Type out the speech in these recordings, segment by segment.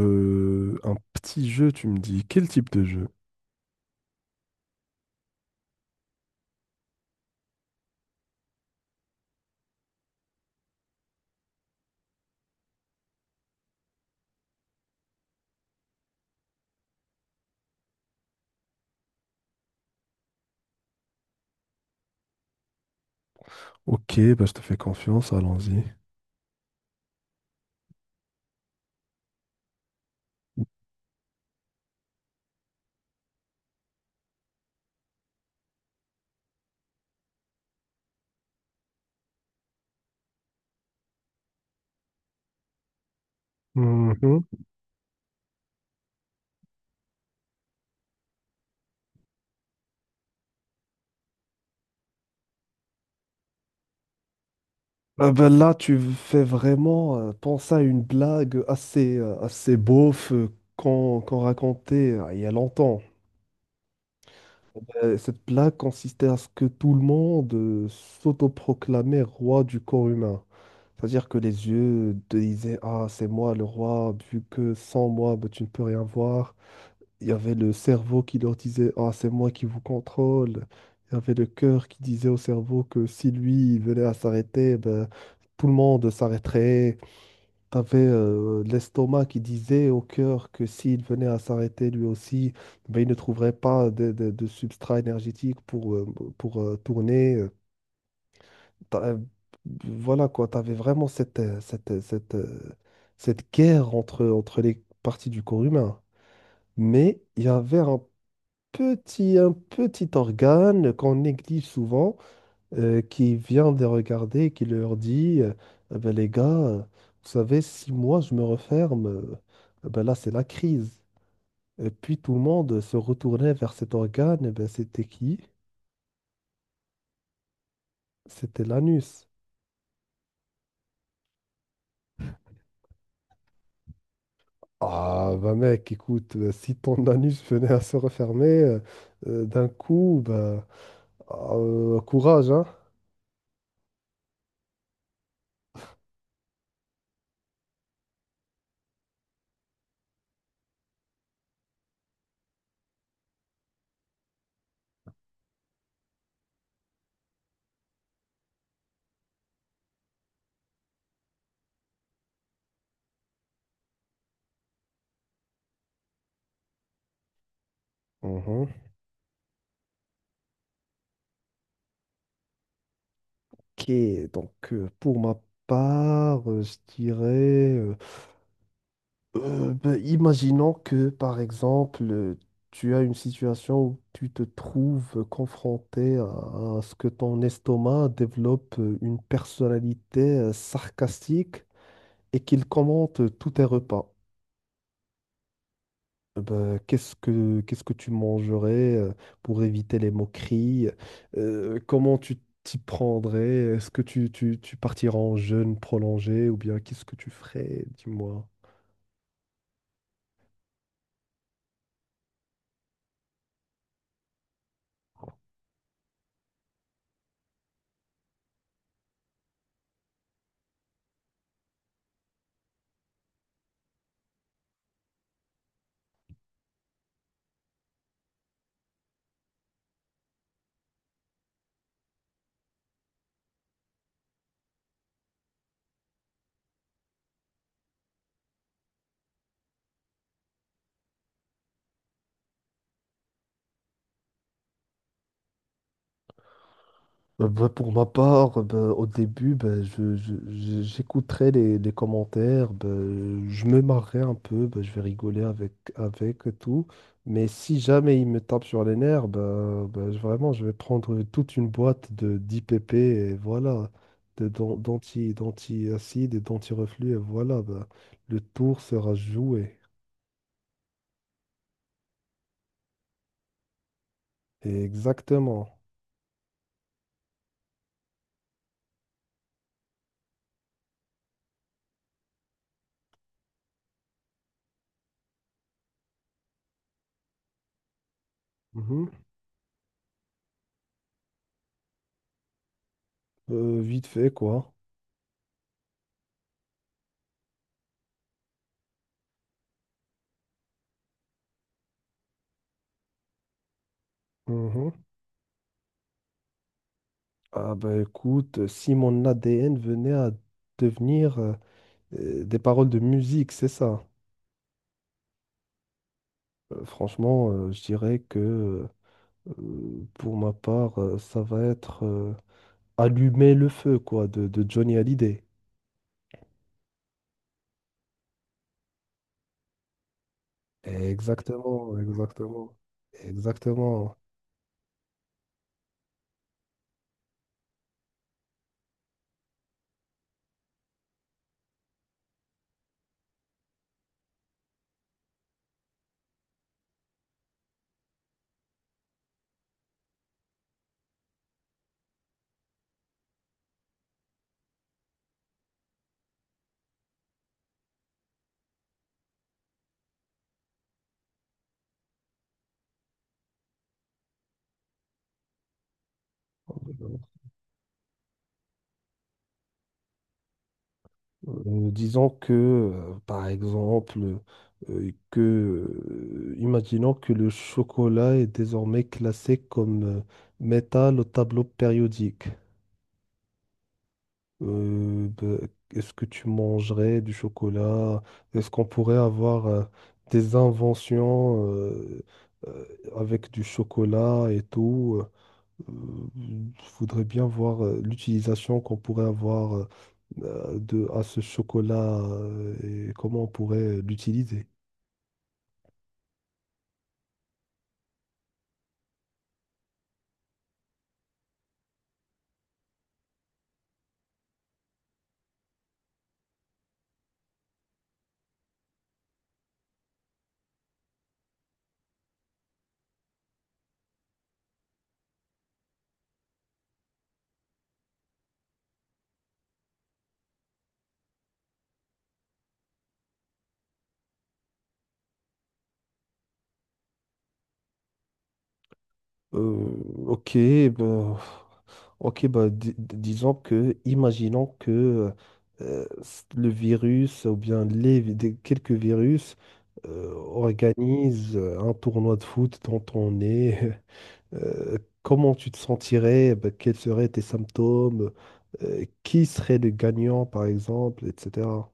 Un petit jeu, tu me dis. Quel type de jeu? Ok, bah, je te fais confiance, allons-y. Mhm. Ah bah, là, tu fais vraiment penser à une blague assez, assez beauf qu'on racontait il y a longtemps. Cette blague consistait à ce que tout le monde s'autoproclamait roi du corps humain. C'est-à-dire que les yeux te disaient, « Ah, c'est moi le roi, vu que sans moi, ben tu ne peux rien voir. » Il y avait le cerveau qui leur disait, « Ah, c'est moi qui vous contrôle. » Il y avait le cœur qui disait au cerveau que si lui il venait à s'arrêter, ben, tout le monde s'arrêterait. Tu avais l'estomac qui disait au cœur que s'il venait à s'arrêter lui aussi, ben, il ne trouverait pas de substrat énergétique pour, tourner. T'as- euh, Voilà quoi, tu avais vraiment cette guerre entre les parties du corps humain. Mais il y avait un petit organe qu'on néglige souvent, qui vient les regarder et qui leur dit, Ah ben, les gars, vous savez, si moi je me referme, ah ben là c'est la crise. » Et puis tout le monde se retournait vers cet organe, et ben, c'était qui? C'était l'anus. Ah bah mec, écoute, si ton anus venait à se refermer d'un coup, bah, ah, courage, hein? Ok, donc pour ma part, je dirais, euh, ben, imaginons que par exemple, tu as une situation où tu te trouves confronté à ce que ton estomac développe une personnalité sarcastique et qu'il commente tous tes repas. Bah, qu'est-ce que tu mangerais pour éviter les moqueries? Comment tu t'y prendrais? Est-ce que tu partiras en jeûne prolongé ou bien qu'est-ce que tu ferais? Dis-moi. Bah, pour ma part, bah, au début, bah, j'écouterai les commentaires, bah, je me marrerai un peu, bah, je vais rigoler avec et tout. Mais si jamais il me tape sur les nerfs, vraiment, je vais prendre toute une boîte de d'IPP et voilà, d'acide et d'anti-reflux et voilà, bah, le tour sera joué. Et exactement. Mhm. Vite fait, quoi. Mhm. Ah bah écoute, si mon ADN venait à devenir des paroles de musique, c'est ça. Franchement, je dirais que pour ma part, ça va être Allumer le feu, quoi, de Johnny Hallyday. Exactement, exactement, exactement. Disons que, par exemple, imaginons que le chocolat est désormais classé comme métal au tableau périodique. Ben, est-ce que tu mangerais du chocolat? Est-ce qu'on pourrait avoir des inventions euh, avec du chocolat et tout? Je voudrais bien voir l'utilisation qu'on pourrait avoir à ce chocolat et comment on pourrait l'utiliser. Euh, ok, ben, ok, bah, disons que, imaginons que le virus ou bien quelques virus organisent un tournoi de foot dont on est, comment tu te sentirais, bah, quels seraient tes symptômes, qui serait le gagnant, par exemple, etc.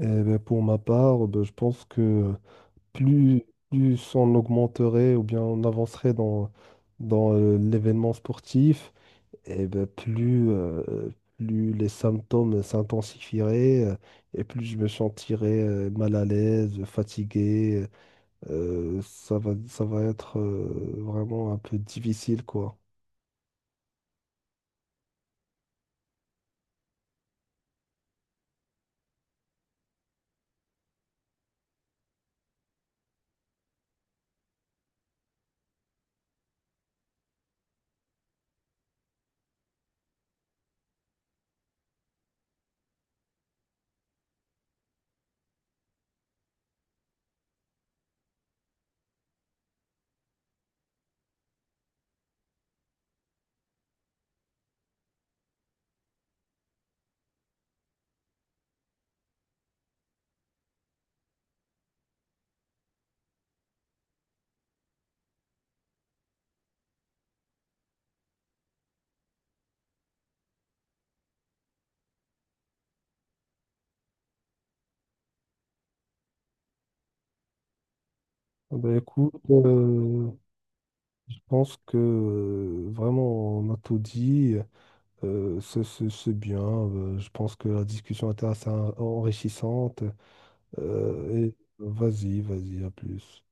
Eh ben, pour ma part, ben, je pense que plus, plus on augmenterait ou bien on avancerait dans l'événement sportif, et ben, plus les symptômes s'intensifieraient et plus je me sentirais mal à l'aise, fatigué. Ça va être vraiment un peu difficile, quoi. Ah bah écoute, je pense que vraiment on a tout dit. C'est bien. Je pense que la discussion était assez enrichissante. Vas-y, vas-y, à plus.